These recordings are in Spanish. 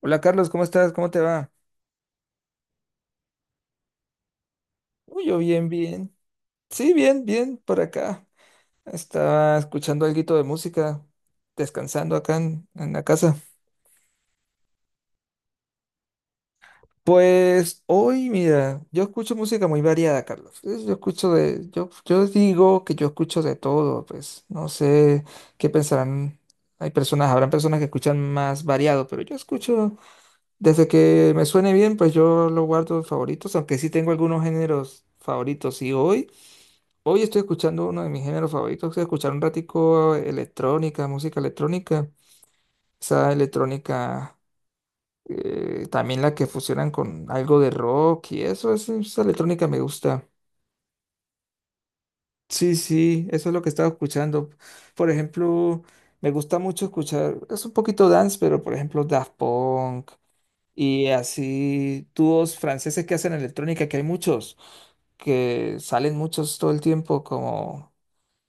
Hola Carlos, ¿cómo estás? ¿Cómo te va? Uy, yo bien, bien. Sí, bien, bien, por acá. Estaba escuchando alguito de música, descansando acá en la casa. Pues hoy, mira, yo escucho música muy variada, Carlos. Yo escucho yo digo que yo escucho de todo, pues no sé qué pensarán. Hay personas, habrán personas que escuchan más variado, pero yo escucho desde que me suene bien, pues yo lo guardo en favoritos, aunque sí tengo algunos géneros favoritos. Y hoy estoy escuchando uno de mis géneros favoritos. Estoy escuchando un ratico electrónica, música electrónica. Esa electrónica, también la que fusionan con algo de rock y eso, esa electrónica me gusta. Sí, sí, eso es lo que estaba escuchando. Por ejemplo, me gusta mucho escuchar, es un poquito dance, pero por ejemplo Daft Punk y así dúos franceses que hacen electrónica, que hay muchos, que salen muchos todo el tiempo como...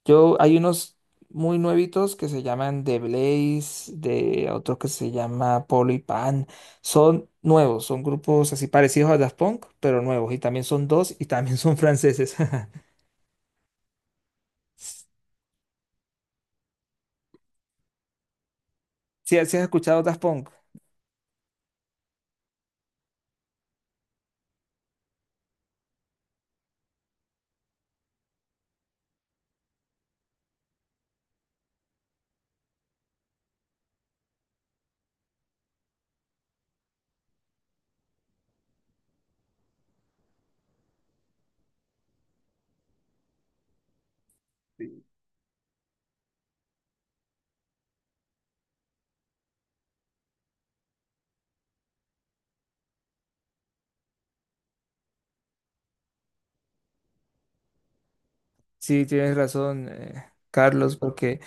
Hay unos muy nuevitos que se llaman The Blaze, de otro que se llama Polo y Pan. Son nuevos, son grupos así parecidos a Daft Punk, pero nuevos. Y también son dos y también son franceses. Si has escuchado Daft Punk, sí, tienes razón, Carlos, porque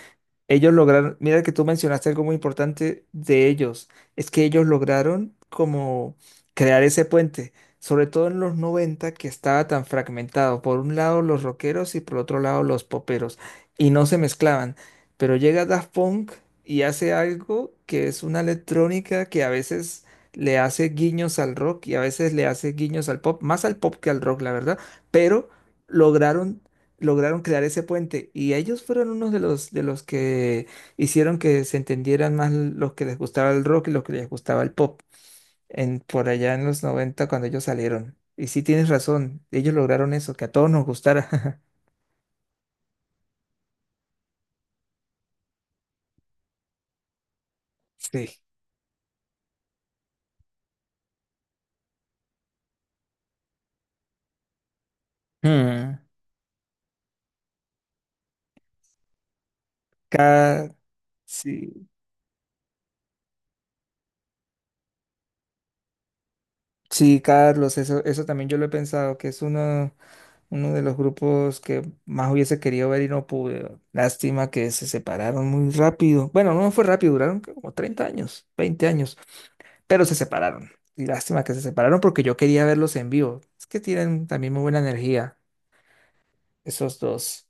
ellos lograron, mira que tú mencionaste algo muy importante de ellos, es que ellos lograron como crear ese puente, sobre todo en los 90 que estaba tan fragmentado, por un lado los rockeros y por otro lado los poperos, y no se mezclaban, pero llega Daft Punk y hace algo que es una electrónica que a veces le hace guiños al rock y a veces le hace guiños al pop, más al pop que al rock, la verdad, pero lograron lograron crear ese puente y ellos fueron unos de los que hicieron que se entendieran más los que les gustaba el rock y los que les gustaba el pop en por allá en los 90 cuando ellos salieron. Y sí tienes razón, ellos lograron eso, que a todos nos gustara. Sí. Hmm. Cada, Sí, Carlos, eso también yo lo he pensado, que es uno, uno de los grupos que más hubiese querido ver y no pude. Lástima que se separaron muy rápido. Bueno, no fue rápido, duraron creo como 30 años, 20 años, pero se separaron. Y lástima que se separaron porque yo quería verlos en vivo. Es que tienen también muy buena energía, esos dos.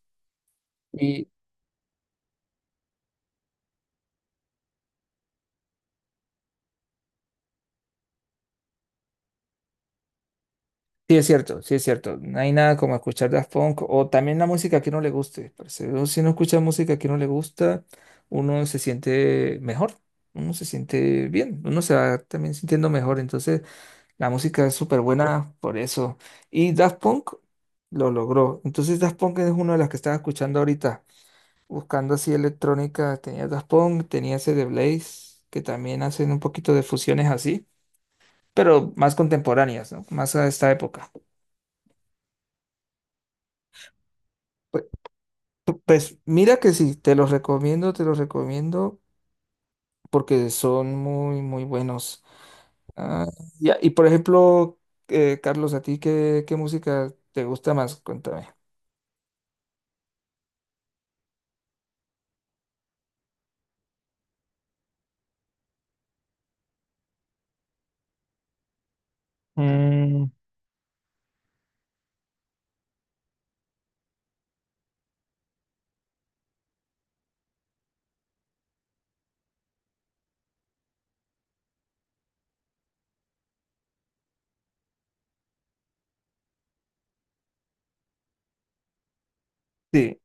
Sí, es cierto, sí, es cierto. No hay nada como escuchar Daft Punk o también la música que no le guste, parce. Uno, si uno escucha música que no le gusta, uno se siente mejor, uno se siente bien, uno se va también sintiendo mejor. Entonces, la música es súper buena por eso. Y Daft Punk lo logró. Entonces, Daft Punk es una de las que estaba escuchando ahorita, buscando así electrónica. Tenía Daft Punk, tenía ese de Blaze, que también hacen un poquito de fusiones así, pero más contemporáneas, ¿no? Más a esta época. Pues mira que sí, te los recomiendo porque son muy, muy buenos. Ah, ya, y por ejemplo, Carlos, ¿a ti qué música te gusta más? Cuéntame. Mm, sí,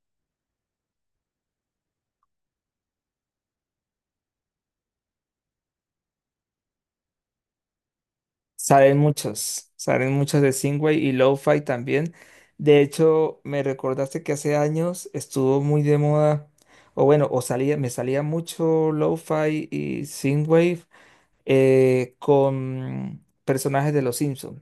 salen muchas de Singway y Lo-Fi también. De hecho, me recordaste que hace años estuvo muy de moda, o bueno, me salía mucho Lo-Fi y Synthwave con personajes de los Simpsons.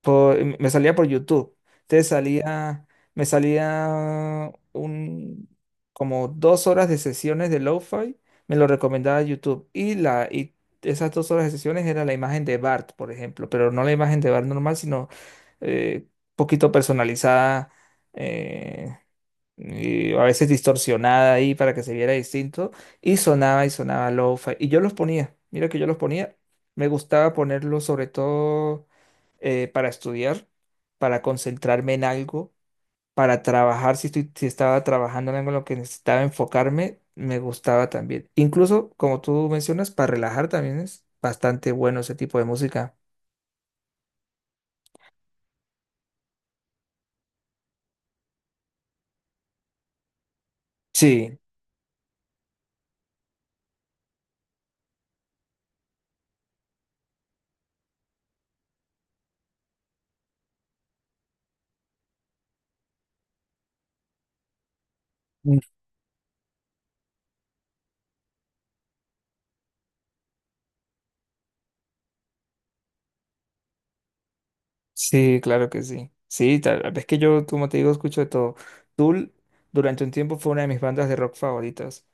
Me salía por YouTube. Entonces salía, me salía como 2 horas de sesiones de lo-fi, me lo recomendaba YouTube. Y esas 2 horas de sesiones era la imagen de Bart, por ejemplo, pero no la imagen de Bart normal, sino eh, poquito personalizada. eh, y a veces distorsionada ahí para que se viera distinto, y sonaba lo-fi, y yo los ponía, mira que yo los ponía, me gustaba ponerlos sobre todo para estudiar, para concentrarme en algo, para trabajar, si estaba trabajando en algo en lo que necesitaba enfocarme, me gustaba también. Incluso, como tú mencionas, para relajar también es bastante bueno ese tipo de música. Sí. Sí, claro que sí. Sí, tal vez que yo, como te digo, escucho de todo. Tool durante un tiempo fue una de mis bandas de rock favoritas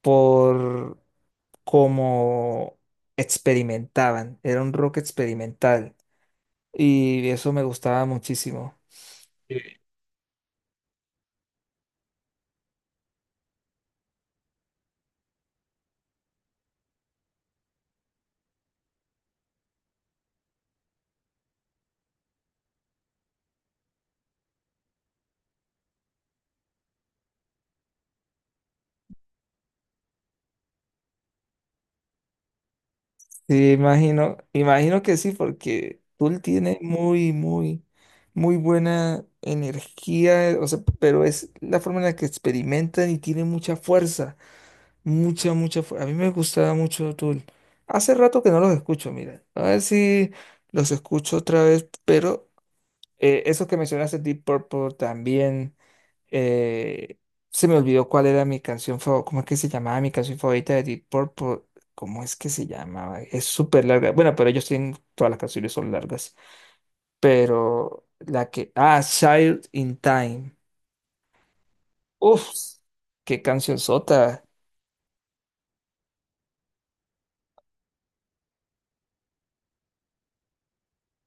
por cómo experimentaban. Era un rock experimental y eso me gustaba muchísimo. Sí. Sí, imagino, imagino que sí, porque Tool tiene muy, muy, muy buena energía, o sea, pero es la forma en la que experimentan y tiene mucha fuerza. Mucha, mucha. A mí me gustaba mucho Tool. Hace rato que no los escucho, mira. A ver si los escucho otra vez, pero esos que mencionaste, Deep Purple, también, eh, se me olvidó cuál era mi canción favorita, cómo es que se llamaba mi canción favorita de Deep Purple. ¿Cómo es que se llamaba? Es súper larga. Bueno, pero ellos tienen, todas las canciones son largas. Pero la que, ah, Child in Time. Uf, qué canción sota.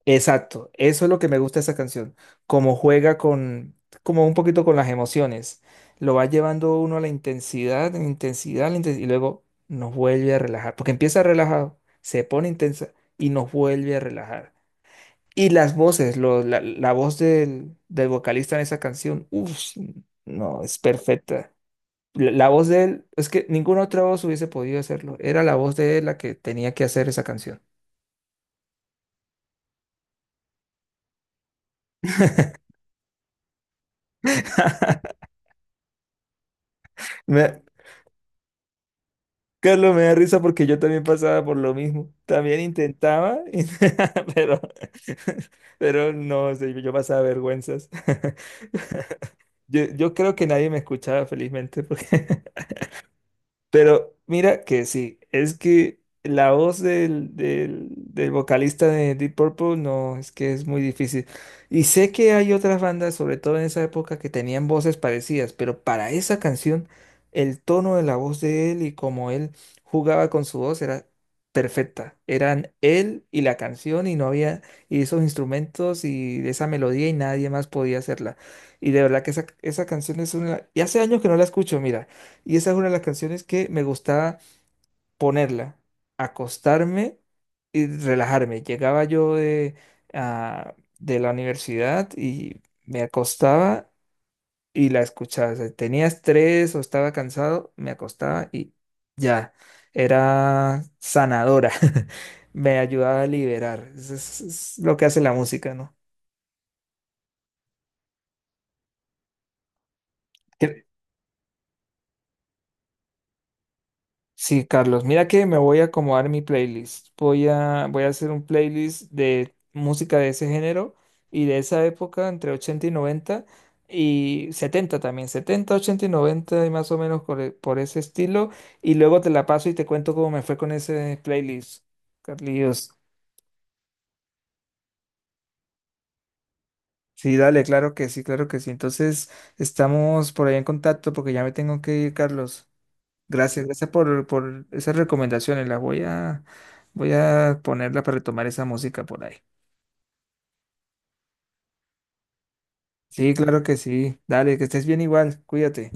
Exacto, eso es lo que me gusta de esa canción, como juega con, como un poquito con las emociones, lo va llevando uno a la intensidad, la intensidad, la intensidad, y luego nos vuelve a relajar, porque empieza relajado, se pone intensa y nos vuelve a relajar. Y las voces, la voz del, del vocalista en esa canción, uff, no, es perfecta. La voz de él, es que ninguna otra voz hubiese podido hacerlo, era la voz de él la que tenía que hacer esa canción. Me, Carlos, me da risa porque yo también pasaba por lo mismo. También intentaba, pero, pero no sé, yo pasaba vergüenzas. Yo creo que nadie me escuchaba felizmente porque Pero mira que sí, es que la voz del vocalista de Deep Purple no, es que es muy difícil. Y sé que hay otras bandas, sobre todo en esa época, que tenían voces parecidas, pero para esa canción, el tono de la voz de él y cómo él jugaba con su voz era perfecta. Eran él y la canción y no había, y esos instrumentos y esa melodía y nadie más podía hacerla. Y de verdad que esa canción es una... Y hace años que no la escucho, mira. Y esa es una de las canciones que me gustaba ponerla, acostarme y relajarme. Llegaba yo de, ah, de la universidad y me acostaba y la escuchaba. O sea, tenía estrés o estaba cansado, me acostaba y ya. Era sanadora. Me ayudaba a liberar. Eso es lo que hace la música, ¿no? Cre- Sí, Carlos, mira que me voy a acomodar mi playlist. Voy a hacer un playlist de música de ese género y de esa época, entre 80 y 90 y 70 también, 70 80 y 90 y más o menos por ese estilo. Y luego te la paso y te cuento cómo me fue con ese playlist, Carlos. Sí, dale, claro que sí, claro que sí. Entonces estamos por ahí en contacto porque ya me tengo que ir, Carlos. Gracias, gracias por esas recomendaciones. Las voy a ponerla para retomar esa música por ahí. Sí, claro que sí. Dale, que estés bien igual. Cuídate.